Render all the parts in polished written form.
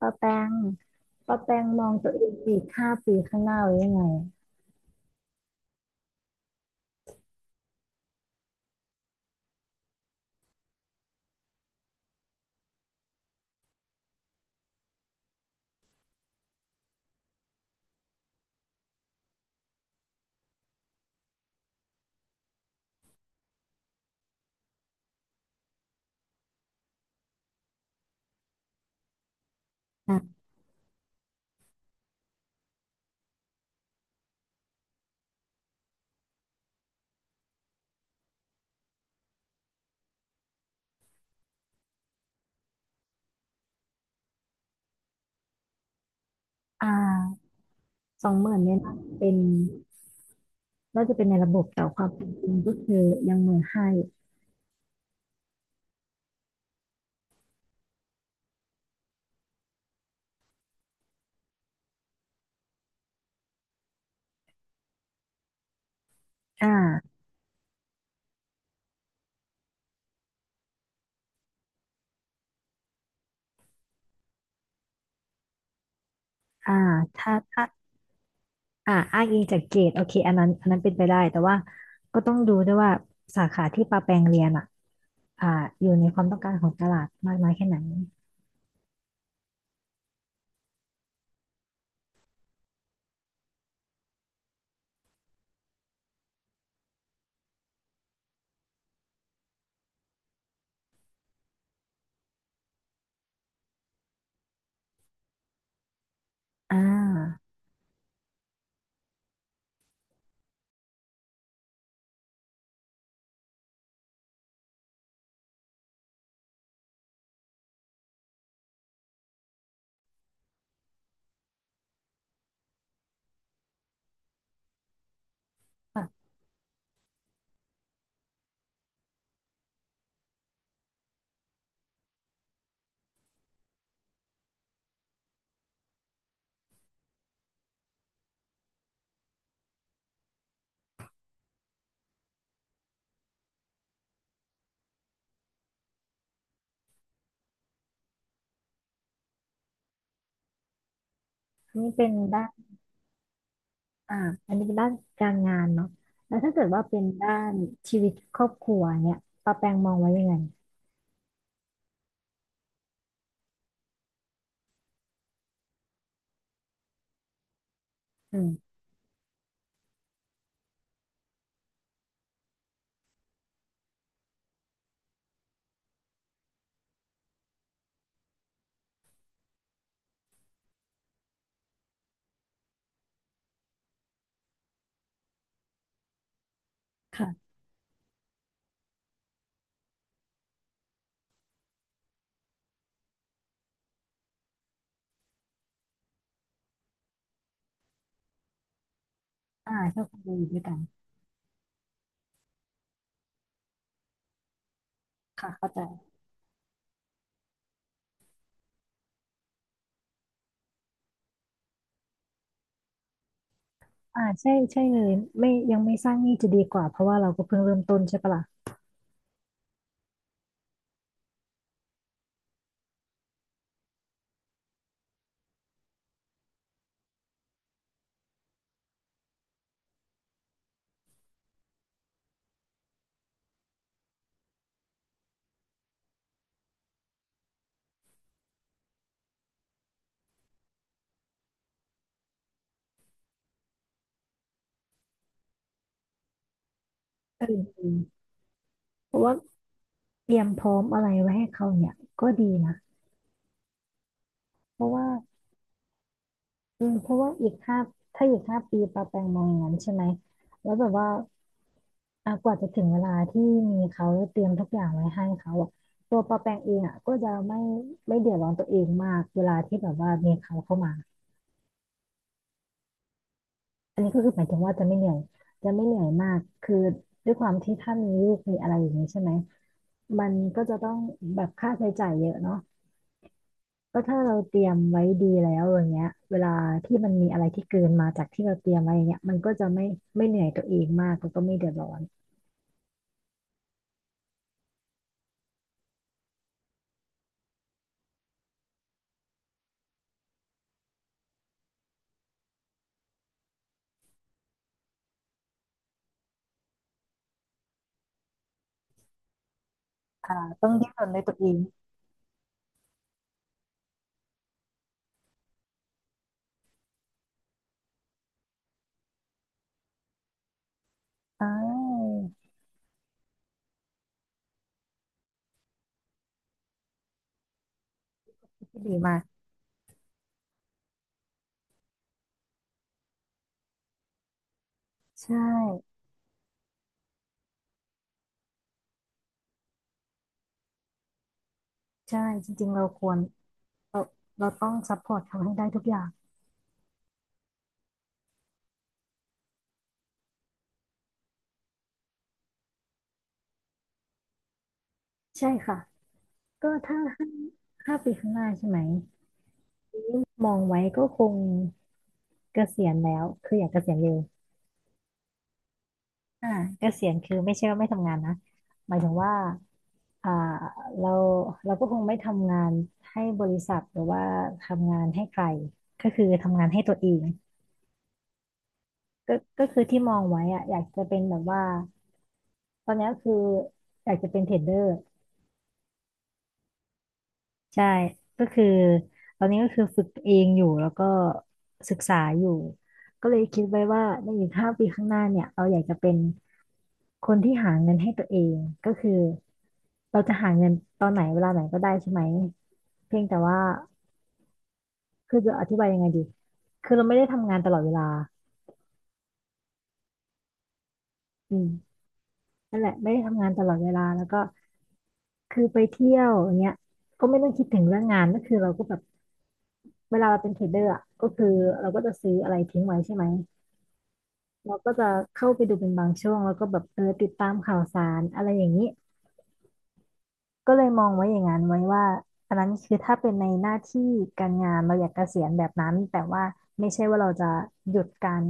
ป้าแป้งป้าแป้งมองตัวเองอีกห้าปีข้างหน้าไว้ยังไงอ่ะอ่า20,000เนี่ยนะเป็นน่าจะเป็นในระบบแต่ความเป็นจริงก็คือยัง15,000อยู่อ่าอ่าถ้าอ้างอิงจากเกรดโอเคอันนั้นเป็นไปได้แต่ว่าก็ต้องดูด้วยว่าสาขาที่ป้าแปลงเรียนอ่ะอ่าอยู่ในความต้องการของตลาดมากน้อยแค่ไหนอ่าค่ะนี่เป็นได้ อ่าอันนี้เป็นด้านการงานเนาะแล้วถ้าเกิดว่าเป็นด้านชีวิตครอบครัวเนี่ยป้าแปงมองไว้ยังไงอืมค่ะชอบคนเดีอยู่ด้วยกันค่ะเข้าใจใช่ใช่เลยไม่ยังไม่สร้างหนี้จะดีกว่าเพราะว่าเราก็เพิ่งเริ่มต้นใช่ปะล่ะเออดีเพราะว่าเตรียมพร้อมอะไรไว้ให้เขาเนี่ยก็ดีนะเพราะว่า อืมเพราะว่าอีกห้าปีปาแปงมองอย่างนั้นใช่ไหมแล้วแบบว่าอ่ะกว่าจะถึงเวลาที่มีเขาเตรียมทุกอย่างไว้ให้เขาอ่ะตัวปาแปงเองอ่ะก็จะไม่เดือดร้อนตัวเองมากเวลาที่แบบว่ามีเขาเข้ามาอันนี้ก็คือหมายถึงว่าจะไม่เหนื่อยมากคือด้วยความที่ถ้ามีลูกมีอะไรอย่างนี้ใช่ไหมมันก็จะต้องแบบค่าใช้จ่ายเยอะเนาะ ก็ถ้าเราเตรียมไว้ดีแล้วอย่างเงี้ยเวลาที่มันมีอะไรที่เกินมาจากที่เราเตรียมไว้อย่างเงี้ยมันก็จะไม่เหนื่อยตัวเองมากแล้วก็ไม่เดือดร้อนอ่าต้องดิ้นรนด้วยตัวเองอ่าที่ดีมากใช่ใช่จริงๆเราควรเราเราต้องซัพพอร์ตเขาให้ได้ทุกอย่างใช่ค่ะก็ถ้าห้าปีข้างหน้าใช่ไหมมองไว้ก็คงเกษียณแล้วคืออยากเกษียณเร็วอ่าเกษียณคือไม่ใช่ว่าไม่ทำงานนะหมายถึงว่า อ่าเราเราก็คงไม่ทำงานให้บริษัทหรือว่าทำงานให้ใครก็คือทำงานให้ตัวเองก็คือที่มองไว้อะอยากจะเป็นแบบว่าตอนนี้ก็คืออยากจะเป็นเทรดเดอร์ใช่ก็คือตอนนี้ก็คือฝึกเองอยู่แล้วก็ศึกษาอยู่ก็เลยคิดไว้ว่าในอีกห้าปีข้างหน้าเนี่ยเราอยากจะเป็นคนที่หาเงินให้ตัวเองก็คือเราจะหาเงินตอนไหนเวลาไหนก็ได้ใช่ไหมเพียงแต่ว่า คือจะอธิบายยังไงดีคือเราไม่ได้ทำงานตลอดเวลาอืมนั่นแหละไม่ได้ทำงานตลอดเวลาแล้วก็คือไปเที่ยวอย่างเงี้ยก็ไม่ต้องคิดถึงเรื่องงานก็คือเราก็แบบเวลาเราเป็นเทรดเดอร์อ่ะก็คือเราก็จะซื้ออะไรทิ้งไว้ใช่ไหมเราก็จะเข้าไปดูเป็นบางช่วง แล้วก็แบบเออติดตามข่าวสารอะไรอย่างนี้ก็เลยมองไว้อย่างนั้นไว้ว่าอันนั้นคือถ้าเป็นในหน้าที่การงานเราอยากเกษียณแบบนั้นแต่ว่าไม่ใช่ว่าเราจะหยุดการ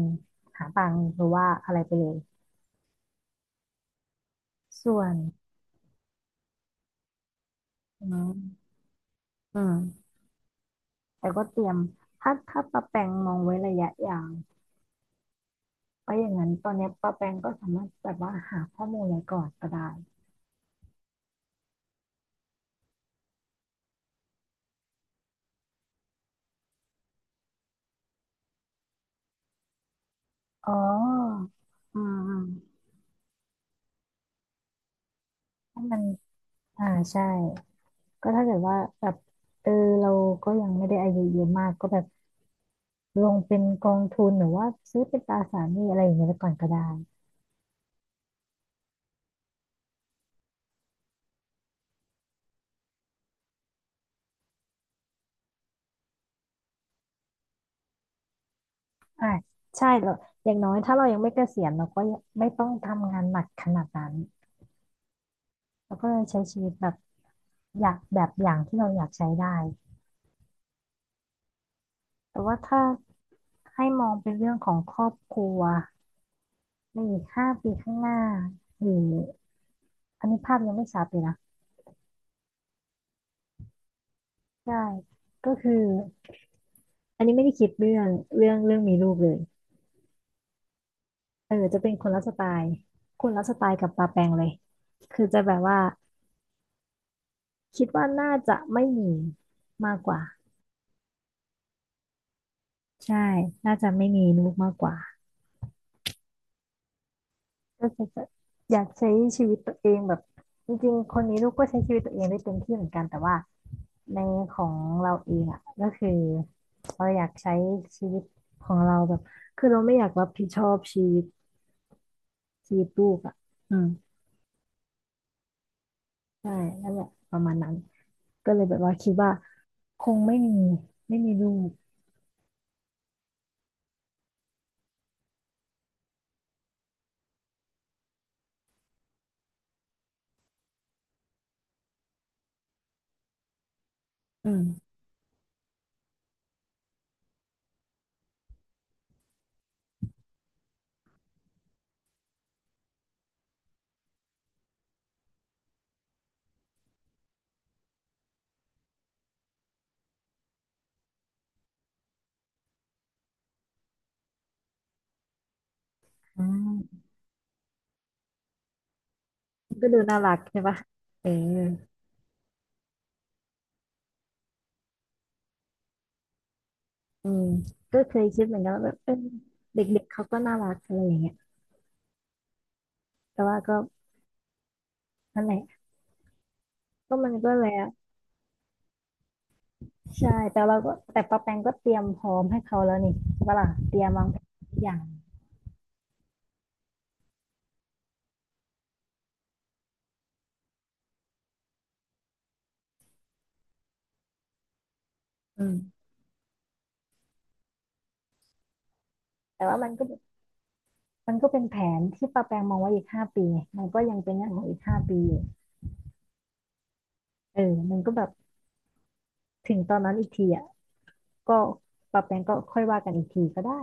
หาตังค์หรือว่าอะไรไปเลยส่วนอืม อืมแต่ก็เตรียมถ้าป้าแปงมองไว้ระยะยาวเพราะอย่างนั้นตอนเนี้ยป้าแปงก็สามารถแบบว่าหาข้อมูลไว้ก่อนก็ได้อ๋ออืมอืมถ้ามันอ่าใช่ก็ถ้าเกิดว่าแบบเออเราก็ยังไม่ได้อายุเยอะมากก็แบบลงเป็นกองทุนหรือว่าซื้อเป็นตราสารหนี้อะไรอย่างเงี้ยไปก่อนก็ได้อ่าใช่เราอย่างน้อยถ้าเรายังไม่เกษียณเราก็ยังไม่ต้องทำงานหนักขนาดนั้นเราก็เลยใช้ชีวิตแบบอยากแบบอย่างที่เราอยากใช้ได้ แต่ว่าถ้าให้มองเป็นเรื่องของครอบครัวในอีกห้าปีข้างหน้าหรืออันนี้ภาพยังไม่ชัดเลยนะใช่ก็คืออันนี้ไม่ได้คิดเรื่องมีลูกเลยเออจะเป็นคนละสไตล์คนละสไตล์กับปาแปงเลยคือจะแบบว่าคิดว่าน่าจะไม่มีมากกว่าใช่น่าจะไม่มีลูกมากกว่า ก็คืออยากใช้ชีวิตตัวเองแบบจริงๆคนนี้ลูกก็ใช้ชีวิตตัวเองได้เต็มที่เหมือนกันแต่ว่าในของเราเองอ่ะก็คือเราอยากใช้ชีวิตของเราแบบคือเราไม่อยากรับผิดชอบชีวิตลูกอ่ะอืมใช่นั่นแหละประมาณนั้นก็เลยแบบว่าคิดว่าคงไม่มีไม่มีลูกอืมอืมก็ดูน่ารักใช่ปะเอออืมก็เคยคิดเหมือนกันว่าแบบเออเด็กๆเขาก็น่ารักอะไรอย่างเงี้ยแต่ว่าก็นั่นแหละ ก็มันก็แล้วใช่แต่เราก็แต่ปาแปงก็เตรียมพร้อมให้เขาแล้วนี่ใช่ปะล่ะเตรียมวางแผนทุกอย่างอืมแต่ว่ามันก็เป็นแผนที่ปาแปงมองไว้อีกห้าปีไงมันก็ยังเป็นเรื่องของอีกห้าปีอยู่เออมันก็แบบถึงตอนนั้นอีกทีอ่ะก็ปาแปงก็ค่อยว่ากันอีกทีก็ได้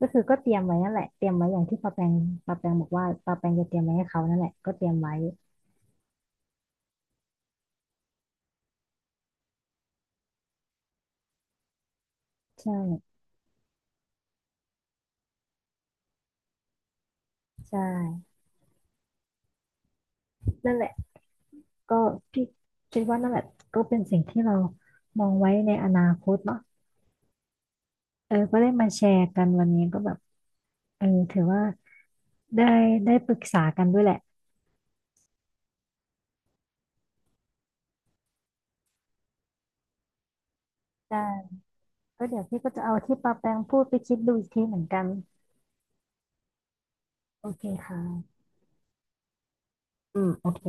ก็คือก็เตรียมไว้นั่นแหละเตรียมไว้อย่างที่ปาแปงบอกว่าปาแปงจะเตรียมไว้ให้เขานั่นแหละก็เตรียมไว้ใช่ใช่นั่นแหละก็คิดคิดว่านั่นแหละก็เป็นสิ่งที่เรามองไว้ในอนาคตเนาะ เออก็ได้มาแชร์กันวันนี้ก็แบบเออถือว่าได้ได้ปรึกษากันด้วยแหละได้ก็เดี๋ยวพี่ก็จะเอาที่ปาแปงพูดไปคิดดูอีกทีเหมือนกันโอเคค่ะอืมโอเค